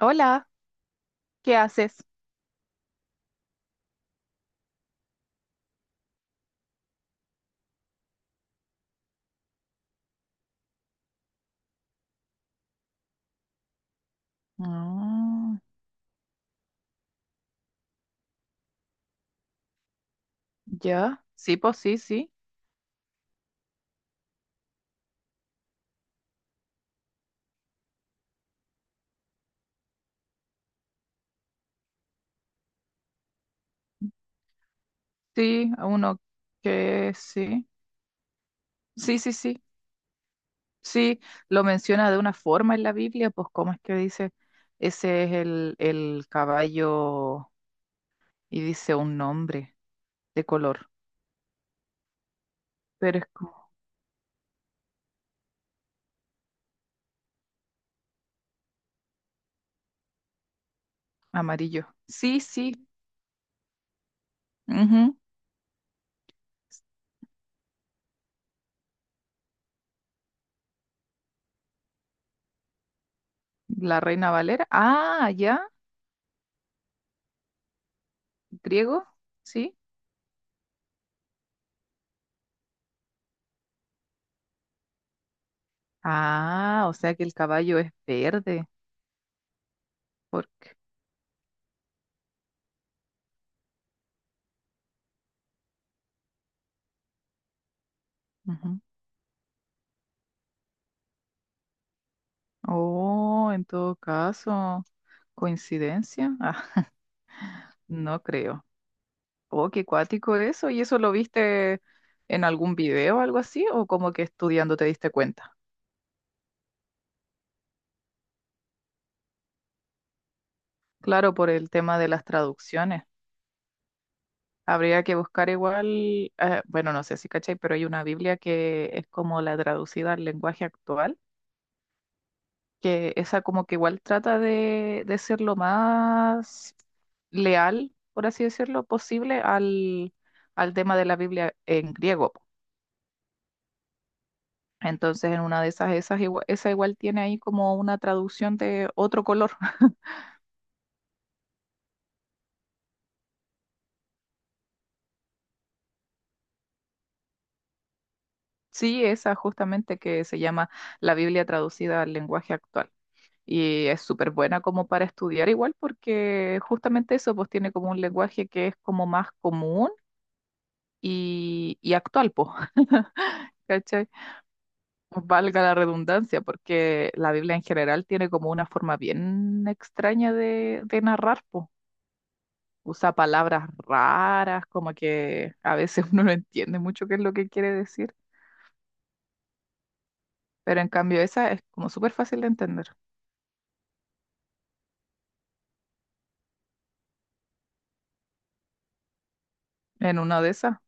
Hola, ¿qué haces? Ah, ya, sí, pues sí, sí, sí, a uno que sí, sí, sí, sí, sí, lo menciona de una forma en la Biblia, pues cómo es que dice, ese es el caballo y dice un nombre de color, pero es como amarillo. Sí, sí, ujú. La Reina Valera, ah, ya, griego, sí, ah, o sea que el caballo es verde, porque... Oh, en todo caso, coincidencia. Ah, no creo. Oh, qué cuático eso. ¿Y eso lo viste en algún video o algo así? ¿O como que estudiando te diste cuenta? Claro, por el tema de las traducciones. Habría que buscar igual, bueno, no sé si cachai, pero hay una Biblia que es como la traducida al lenguaje actual, que esa como que igual trata de ser lo más leal, por así decirlo, posible al, al tema de la Biblia en griego, po. Entonces, en una de esas, esa igual tiene ahí como una traducción de otro color. Sí, esa justamente que se llama la Biblia traducida al lenguaje actual. Y es súper buena como para estudiar igual, porque justamente eso pues tiene como un lenguaje que es como más común y actual, pues. ¿Cachai? Valga la redundancia, porque la Biblia en general tiene como una forma bien extraña de narrar, po. Usa palabras raras, como que a veces uno no entiende mucho qué es lo que quiere decir, pero en cambio esa es como súper fácil de entender. En una de esas,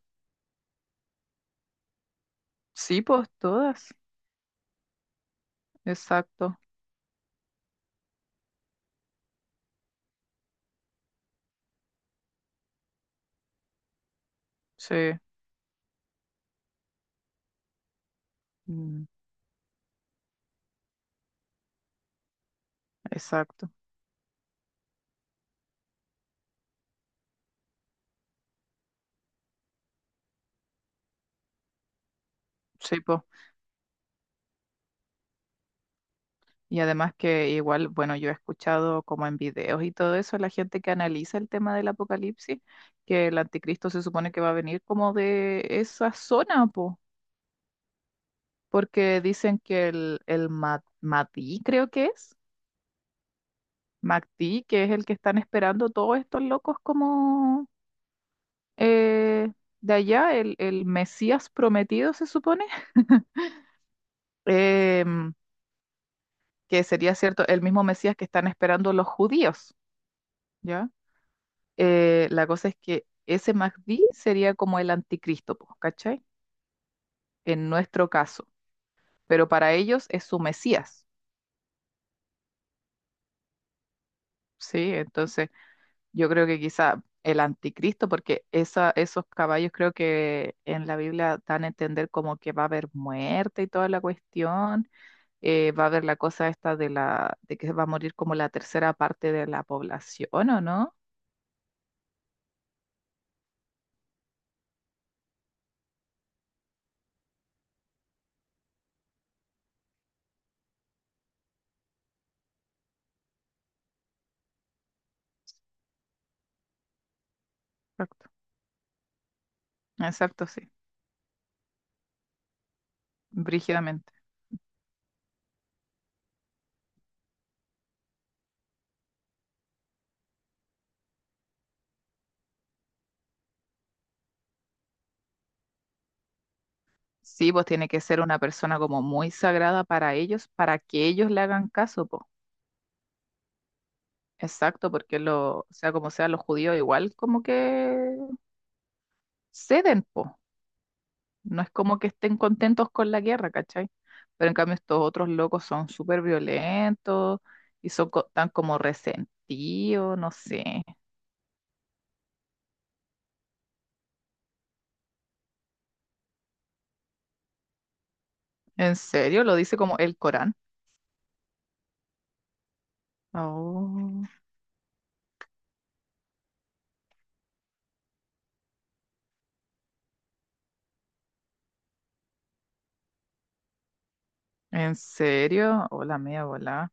sí, pues todas, exacto, sí, mm, exacto, sí, pues. Y además que igual, bueno, yo he escuchado como en videos y todo eso, la gente que analiza el tema del apocalipsis, que el anticristo se supone que va a venir como de esa zona, po, porque dicen que el Mahdi, creo que es, Mahdi, que es el que están esperando todos estos locos, como eh, de allá, el Mesías prometido, se supone. em, que sería cierto, el mismo Mesías que están esperando los judíos, ¿ya? La cosa es que ese Mahdi sería como el anticristo, po, ¿cachai? En nuestro caso, pero para ellos es su Mesías, ¿sí? Entonces, yo creo que quizá el anticristo, porque esa, esos caballos creo que en la Biblia dan a entender como que va a haber muerte y toda la cuestión, va a haber la cosa esta de la, de que va a morir como la tercera parte de la población, ¿o no? Exacto, exacto, sí, brígidamente. Sí, pues tiene que ser una persona como muy sagrada para ellos, para que ellos le hagan caso, pues. Exacto, porque lo, sea como sea, los judíos igual como que ceden, pues. No es como que estén contentos con la guerra, ¿cachai? Pero en cambio estos otros locos son súper violentos y son tan como resentidos, no sé. ¿En serio? Lo dice como el Corán. Oh, ¿en serio? Hola, media volá.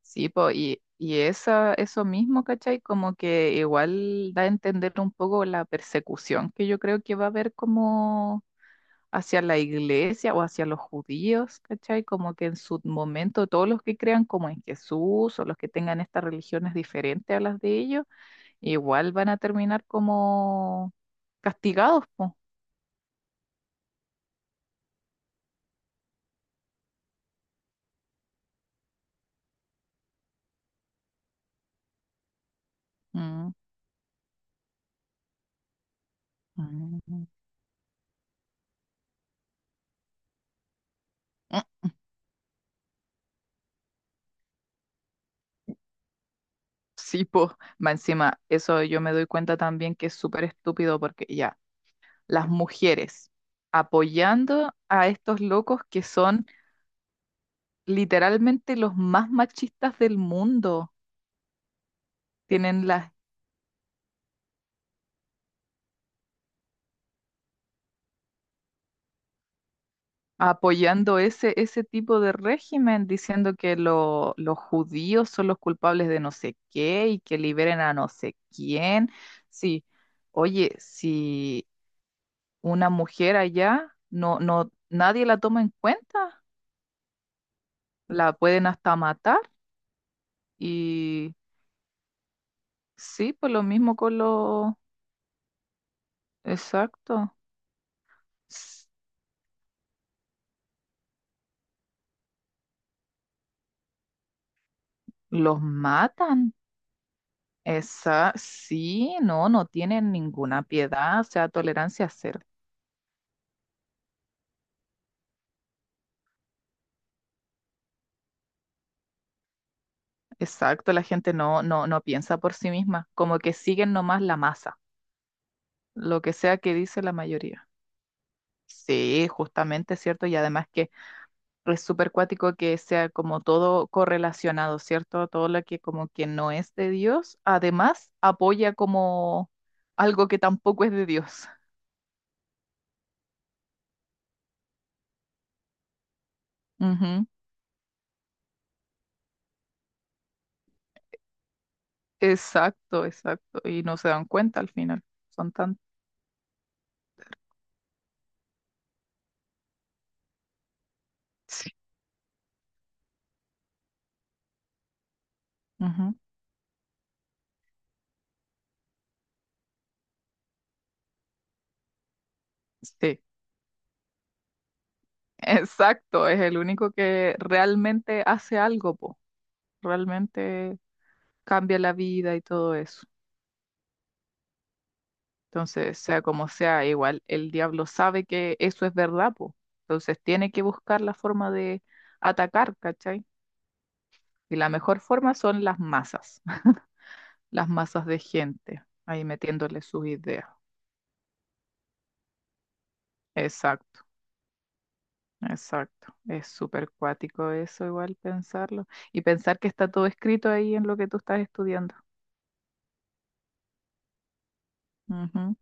Sí, po, y esa, eso mismo, ¿cachai? Como que igual da a entender un poco la persecución que yo creo que va a haber como hacia la iglesia o hacia los judíos, ¿cachai? Como que en su momento todos los que crean como en Jesús o los que tengan estas religiones diferentes a las de ellos, igual van a terminar como castigados, po. Mm, mm, mm. Mm. Sí, po. Más encima, eso yo me doy cuenta también que es súper estúpido porque ya, las mujeres apoyando a estos locos que son literalmente los más machistas del mundo. Tienen las apoyando ese, ese tipo de régimen, diciendo que los judíos son los culpables de no sé qué y que liberen a no sé quién. Sí, oye, si una mujer allá no, no, nadie la toma en cuenta, la pueden hasta matar. Y sí, pues lo mismo con los... Exacto. s- Los matan. Esa, sí, no, no tienen ninguna piedad, o sea, tolerancia cero. Exacto, la gente no, no, no piensa por sí misma, como que siguen nomás la masa, lo que sea que dice la mayoría. Sí, justamente, ¿cierto? Y además que es súper cuático que sea como todo correlacionado, ¿cierto? Todo lo que como que no es de Dios, además apoya como algo que tampoco es de Dios. Exacto, exacto. Y no se dan cuenta al final. Son tan... Sí. Ujú. Sí, exacto. Es el único que realmente hace algo, po. Realmente cambia la vida y todo eso. Entonces, sea como sea, igual el diablo sabe que eso es verdad, po. Entonces tiene que buscar la forma de atacar, ¿cachai? Y la mejor forma son las masas, las masas de gente, ahí metiéndole sus ideas. Exacto. Exacto, es súper cuático eso igual pensarlo y pensar que está todo escrito ahí en lo que tú estás estudiando. Ujú.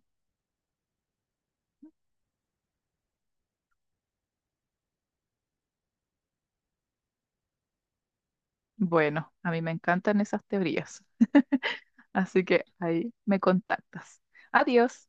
Bueno, a mí me encantan esas teorías, así que ahí me contactas. Adiós.